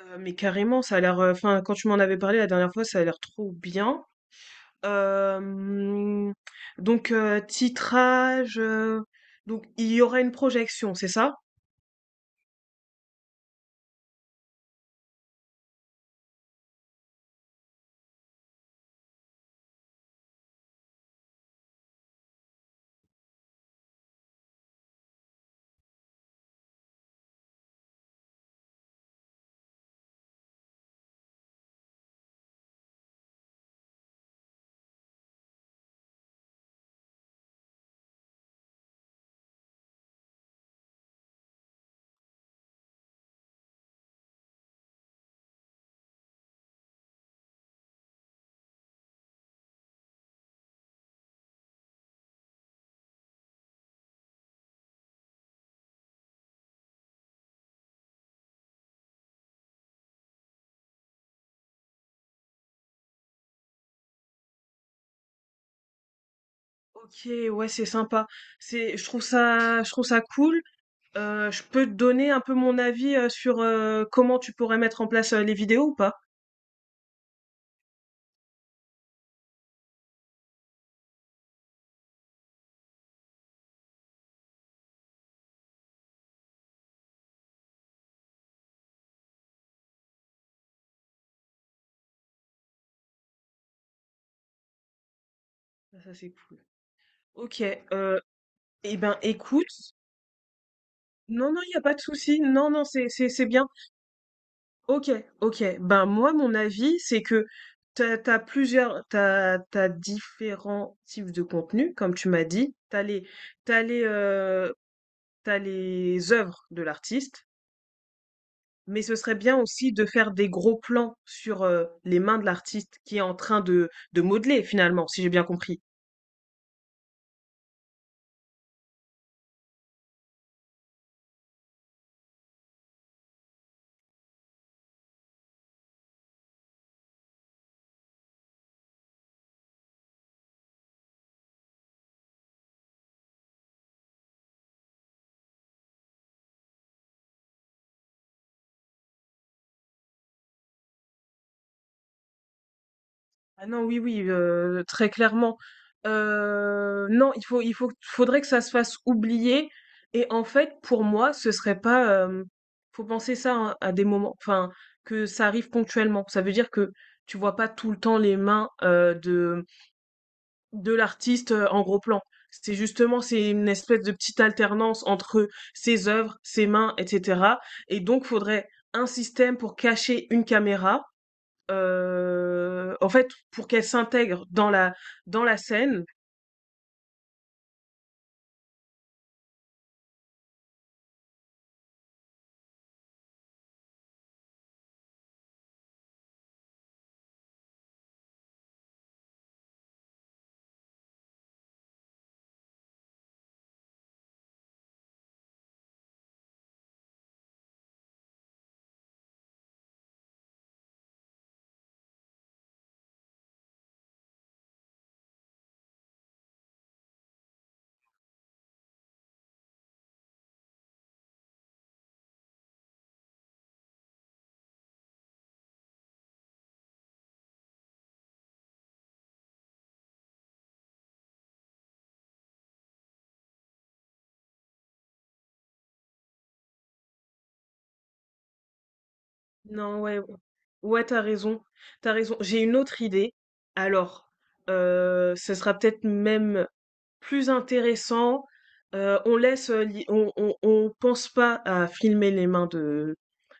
Mais carrément, ça a l'air. Enfin, quand tu m'en avais parlé la dernière fois, ça a l'air trop bien. Euh, donc, titrage. Donc, il y aura une projection, c'est ça? Ok, ouais, c'est sympa. C'est, je trouve ça cool. Je peux te donner un peu mon avis, sur, comment tu pourrais mettre en place, les vidéos ou pas? Ah ça, c'est cool. OK, heu, eh ben, écoute. Non, non, il y a pas de souci. Non, non, c'est bien. Ok, ok. Ben moi, mon avis, c'est que t'as différents types de contenus, comme tu m'as dit. T'as les, euh, T'as les œuvres de l'artiste, mais ce serait bien aussi de faire des gros plans sur les mains de l'artiste qui est en train de modeler finalement, si j'ai bien compris. Ah non, oui, oui, très clairement. Non, il faut, faudrait que ça se fasse oublier. Et en fait, pour moi, ce serait pas, hem Faut penser ça, hein, à des moments. Enfin, que ça arrive ponctuellement. Ça veut dire que tu vois pas tout le temps les mains, de l'artiste, en gros plan. C'est justement c'est une espèce de petite alternance entre ses œuvres, ses mains et cetera. Et donc faudrait un système pour cacher une caméra. En fait, pour qu'elle s'intègre dans la scène. Non, ouais, ou ouais, t'as raison. J'ai une autre idée. Alors, ce sera peut-être même plus intéressant. On laisse, li on on pense pas à filmer les mains de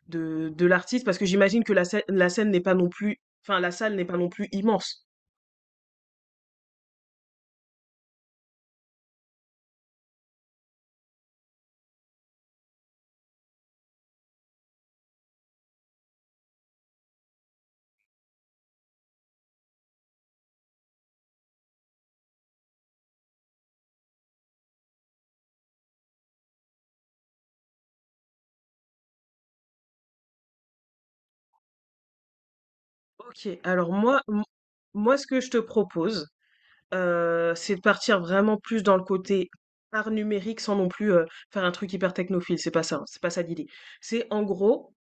de de l'artiste, parce que j'imagine que la scène n'est pas non plus. Enfin, la salle n'est pas non plus immense. OK, alors moi, ce que je te propose, c'est de partir vraiment plus dans le côté art numérique, sans non plus, faire un truc hyper technophile, c'est pas ça, hein, c'est pas ça l'idée. C'est en gros,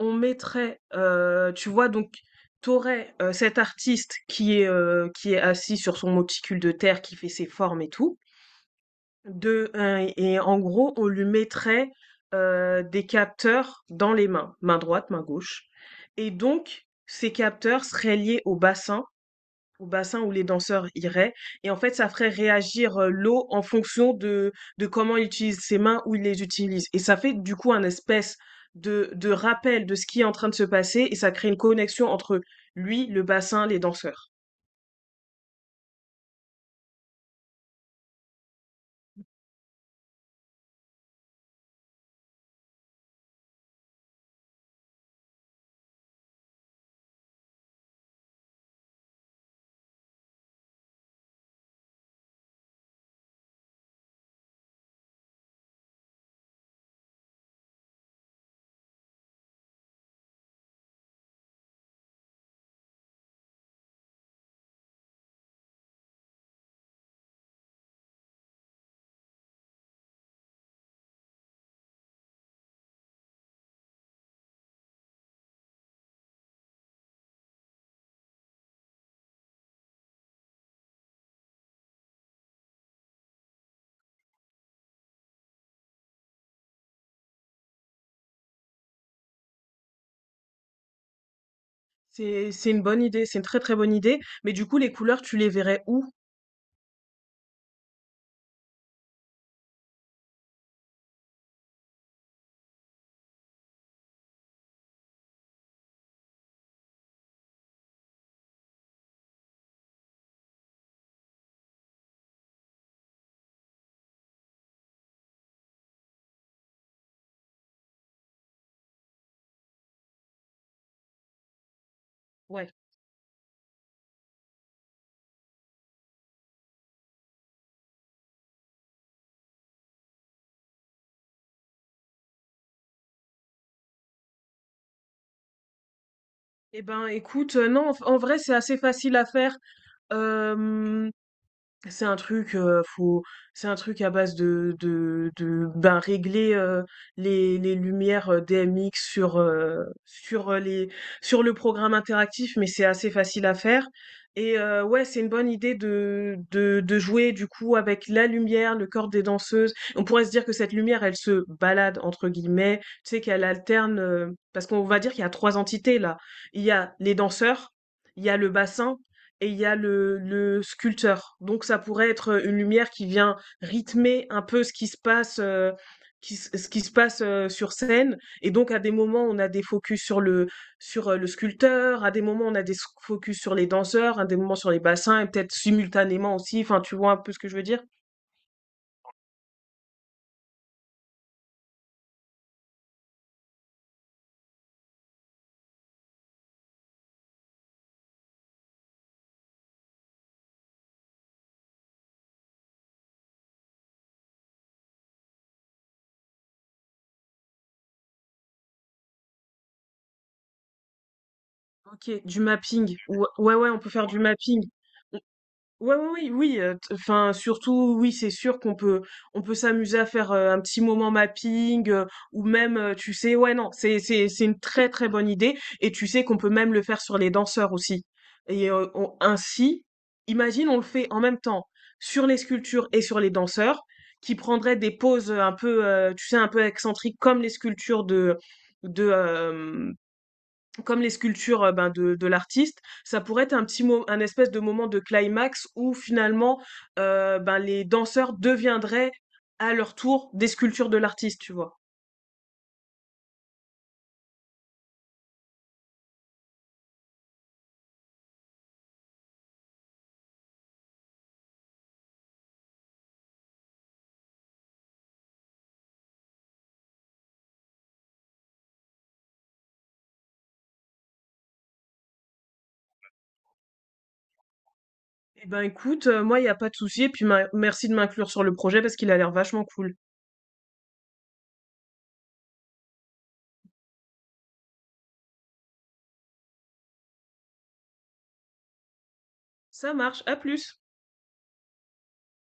on mettrait, tu vois. Donc cet artiste qui est assis sur son monticule de terre, qui fait ses formes et tout, de un. Et en gros, on lui mettrait, des capteurs dans les mains, main droite, main gauche, et donc ces capteurs seraient liés au bassin où les danseurs iraient. Et en fait, ça ferait réagir l'eau en fonction de comment il utilise ses mains, où il les utilise. Et ça fait du coup un espèce de rappel de ce qui est en train de se passer, et ça crée une connexion entre lui, le bassin, les danseurs. C'est une bonne idée, c'est une très très bonne idée. Mais du coup, les couleurs, tu les verrais où? Ouais. Eh ben, écoute, non, en en vrai, c'est assez facile à faire. Euh, C'est un truc, faut c'est un truc à base de ben, régler, les lumières, DMX sur, sur, les sur le programme interactif. Mais c'est assez facile à faire. Et ouais, c'est une bonne idée de jouer, du coup, avec la lumière, le corps des danseuses. On pourrait se dire que cette lumière, elle se «balade» entre guillemets, tu sais, qu'elle alterne, parce qu'on va dire qu'il y a 3 entités là. Il y a les danseurs, il y a le bassin, et il y a le sculpteur. Donc ça pourrait être une lumière qui vient rythmer un peu ce qui se passe, ce qui se passe sur scène. Et donc à des moments on a des focus sur le sculpteur, à des moments on a des focus sur les danseurs, à des moments sur les bassins, et peut-être simultanément aussi. Enfin tu vois un peu ce que je veux dire? Ok, du mapping. Ou- ouais, ouais, on peut faire du mapping. Ouais, ouais, oui, oui, t enfin, surtout, oui, c'est sûr qu'on peut on peut s'amuser à faire, un petit moment mapping, tu sais, ouais, non, c'est une très, très bonne idée, et tu sais qu'on peut même le faire sur les danseurs aussi. Et on ainsi, imagine, on le fait en même temps sur les sculptures et sur les danseurs qui prendraient des poses, un peu, tu sais, un peu excentriques comme les sculptures de, comme les sculptures ben, de l'artiste. Ça pourrait être un un espèce de moment de climax où finalement ben, les danseurs deviendraient à leur tour des sculptures de l'artiste, tu vois. Eh ben écoute, moi il n'y a pas de souci, et puis merci de m'inclure sur le projet parce qu'il a l'air vachement cool. Ça marche, à plus.